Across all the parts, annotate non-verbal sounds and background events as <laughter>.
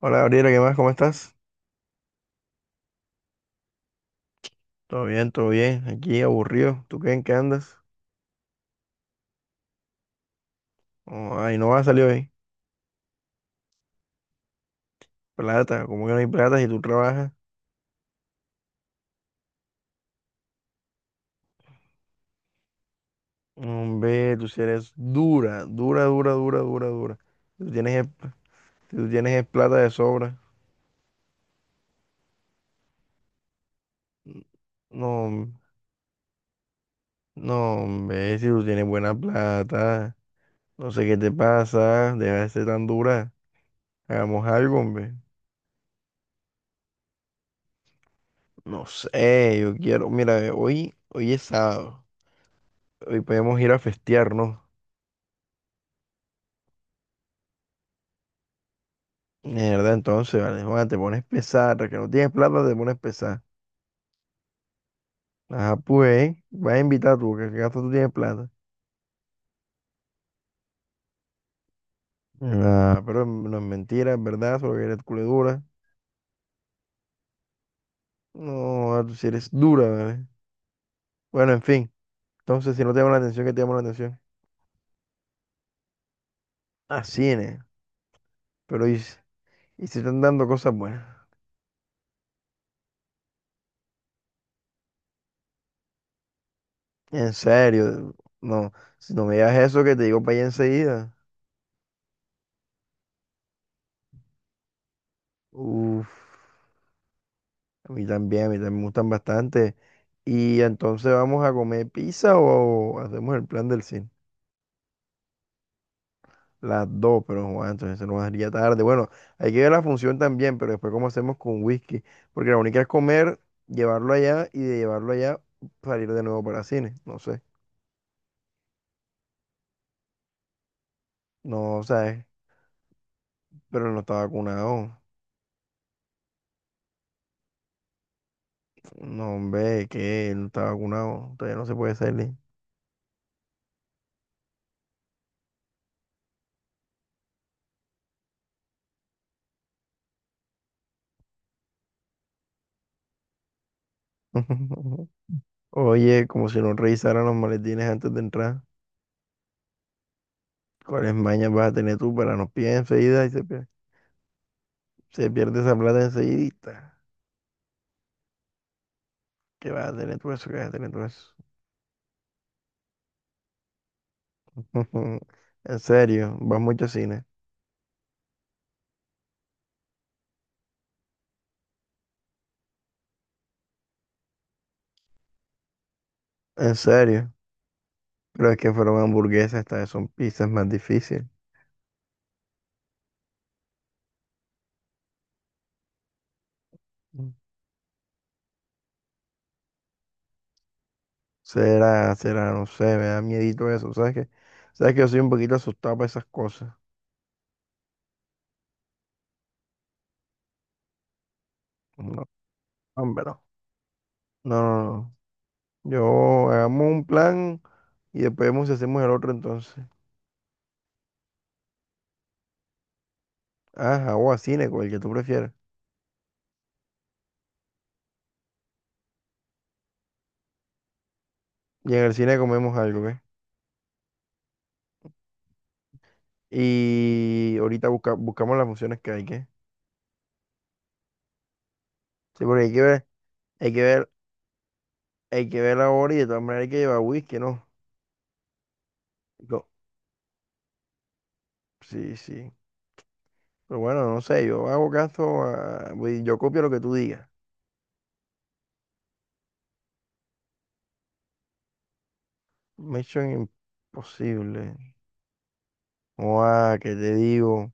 Hola Gabriela, ¿qué más? ¿Cómo estás? Todo bien, todo bien. Aquí aburrido. ¿Tú qué en qué andas? Oh, ay, no va, a salir hoy. Plata, ¿cómo que no hay plata si tú trabajas? Hombre, tú si eres dura, dura, dura, dura, dura, dura. Si Tú tienes, tú tienes es plata de sobra. N- No, no, hombre, si tú tienes buena plata. No sé qué te pasa. Deja de ser tan dura. Hagamos algo, hombre. No sé, yo quiero. Mira, hoy, hoy es sábado. Hoy podemos ir a festear, ¿no? Mierda, entonces, vale, Juan, te pones pesar, que no tienes plata, te pones pesar. Ajá, pues, vas a invitar tú, que gasto tú tienes plata. Ah, pero no es mentira, es verdad, solo que eres culo dura. No, ah, tú sí eres dura, ¿vale? Bueno, en fin, entonces, si no te llama la atención, ¿qué te llama la atención? Ah, cine, pero y, si- y si están dando cosas buenas. En serio, no, si no me digas eso, que te digo para allá enseguida. Uf. A mí también me gustan bastante. Y entonces vamos a comer pizza o hacemos el plan del cine. Las dos, pero Juan, entonces se nos haría tarde. Bueno, hay que ver la función también, pero después cómo hacemos con whisky. Porque la única es comer, llevarlo allá y de llevarlo allá salir de nuevo para cine. No sé. No, sabes, pero él no está vacunado. No, hombre, que él no está vacunado. Todavía no se puede salir. <laughs> Oye, como si no revisaran los maletines antes de entrar. ¿Cuáles mañas vas a tener tú para nos pies enseguida y se pierde esa plata enseguidita? ¿Qué vas a tener tú eso? ¿Qué vas a tener tú eso? <laughs> En serio, vas mucho a cine. En serio, pero es que fueron hamburguesas, estas vez son pizzas más difíciles. Mm. Será, será, no sé, me da miedito eso, ¿sabes qué? ¿Sabes que yo soy un poquito asustado para esas cosas? No, hombre, no. No, no, no. Yo hagamos un plan y después vemos si hacemos el otro entonces. Ajá, o a cine, cual que tú prefieras. Y en el cine comemos algo, ¿qué? Y ahorita buscamos las funciones que hay que. Sí, porque hay que ver, hay que ver, hay que ver la hora y de todas maneras hay que llevar whisky, ¿no? Co- Sí, sí. Pero bueno, no sé, yo hago caso a, voy- yo copio lo que tú digas. Mission Imposible. O ah, ¿qué te digo?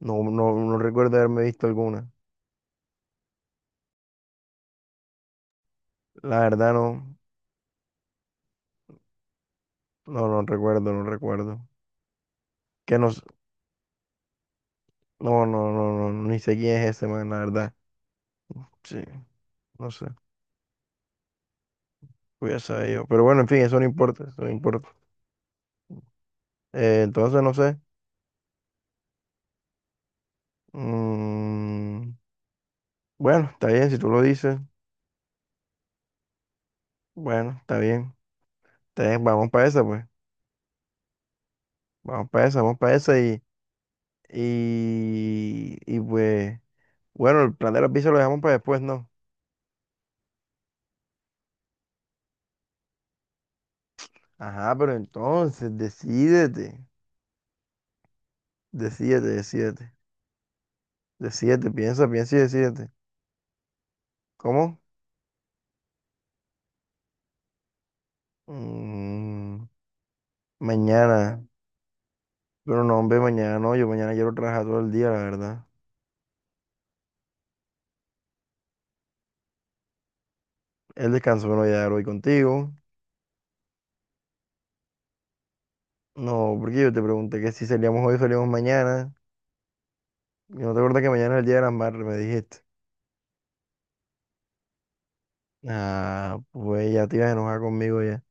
No, no, no recuerdo haberme visto alguna. La verdad no, no, no recuerdo, no recuerdo. Que no, s- no, no, no, no, ni sé quién es ese man, la verdad. Sí, no sé. Voy a saber yo. Pero bueno, en fin, eso no importa, eso no importa. Entonces, no sé. Mm, bueno, está bien, si tú lo dices, bueno, está bien. Está bien, vamos para esa, pues. Vamos para esa y, y pues, bueno, el plan de la pizza lo dejamos para después, ¿no? Ajá, pero entonces, decídete, decídete, decídete, decídete, piensa, piensa y decídete. ¿Cómo? Mm, mañana, pero no, hombre, mañana no, yo mañana quiero trabajar todo el día, la verdad. El descanso me lo voy a dar hoy contigo. No, porque yo te pregunté que si salíamos hoy, salíamos mañana. Y no te acuerdas que mañana es el Día de las Madres, me dijiste. Ah, pues ya te ibas a enojar conmigo ya.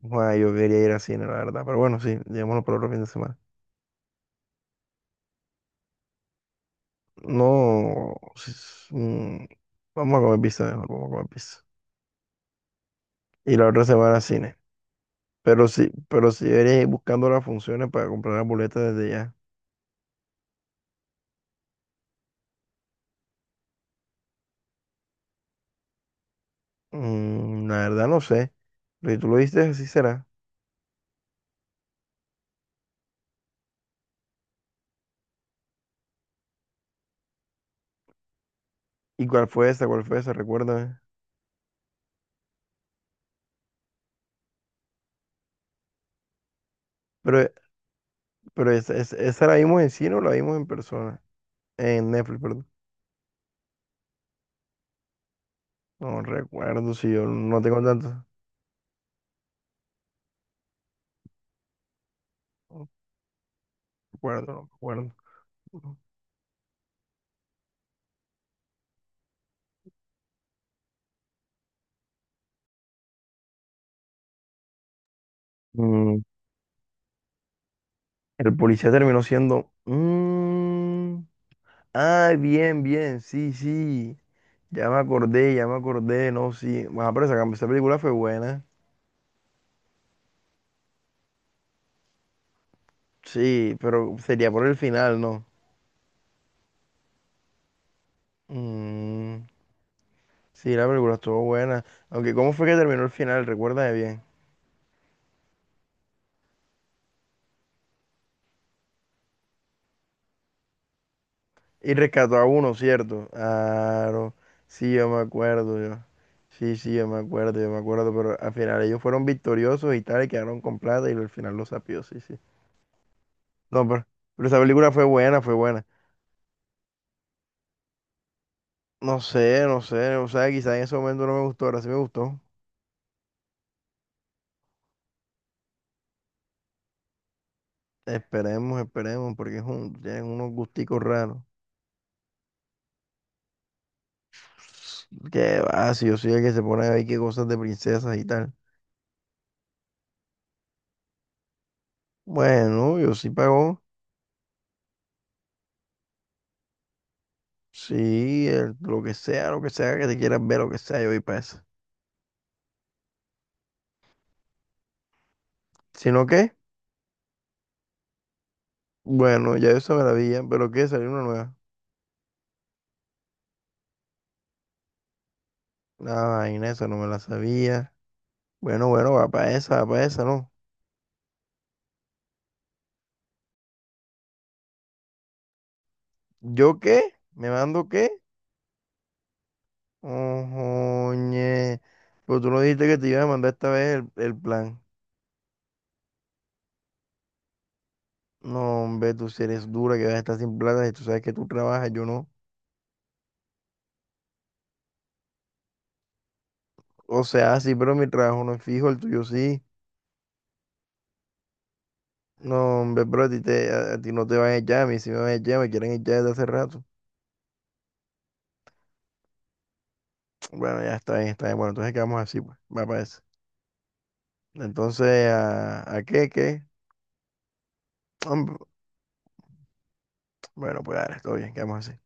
Bueno, yo quería ir al cine, la verdad. Pero bueno, sí, llevémoslo para otro fin de semana. No, vamos a comer pizza mejor, vamos a comer pizza. Y la otra semana cine. Pero sí deberías ir buscando las funciones para comprar las boletas desde ya. Mm, la verdad no sé. Pero si tú lo viste, así será. ¿Y cuál fue esa? ¿Cuál fue esa? Recuérdame. Pero Pero esa la vimos en cine o la vimos en persona. En Netflix, perdón. No recuerdo si yo no tengo tanto. No recuerdo, no recuerdo. Mm, el policía terminó siendo. Mm, ah, bien, bien. Sí, sí. Ya me acordé, ya me acordé. No, sí. Bueno, pero esa película fue buena. Sí, pero sería por el final, ¿no? Mm, sí, la película estuvo buena. Aunque, ¿cómo fue que terminó el final? Recuérdame bien. Y rescató a uno, ¿cierto? Claro, sí, yo me acuerdo, yo. Sí, sí, yo me acuerdo, pero al final ellos fueron victoriosos y tal, y quedaron con plata y al final los sapió, sí, sí. No, pero esa película fue buena, fue buena. No sé, no sé, o sea, quizás en ese momento no me gustó, ahora sí me gustó. Esperemos, esperemos, porque es un, tienen unos gusticos raros. Que va, si yo soy el que se pone a ver qué cosas de princesas y tal. Bueno, yo sí pagó. Sí, lo que sea que te quieras ver, lo que sea, yo voy para eso. ¿Sino qué? Bueno, ya yo se me la vi, ya, pero qué salió una nueva. Ah, vaina, esa no me la sabía. Bueno, bueno, va para esa, ¿no? ¿Yo qué? ¿Me mando qué? Ojoñe. Pero tú no dijiste que te iba a mandar esta vez el plan. No, hombre, tú si eres dura, que vas a estar sin plata y tú sabes que tú trabajas, yo no. O sea, sí, pero mi trabajo no es fijo, el tuyo sí. No, hombre, pero a ti no te van a echar, a mí sí me van a echar, me quieren echar desde hace rato. <tsk> Bueno, ya está bien, está bien. Bueno, entonces quedamos así, pues, va para eso. Entonces, ¿a qué? <tsk> Hombre, bueno, pues ahora, todo bien, quedamos así.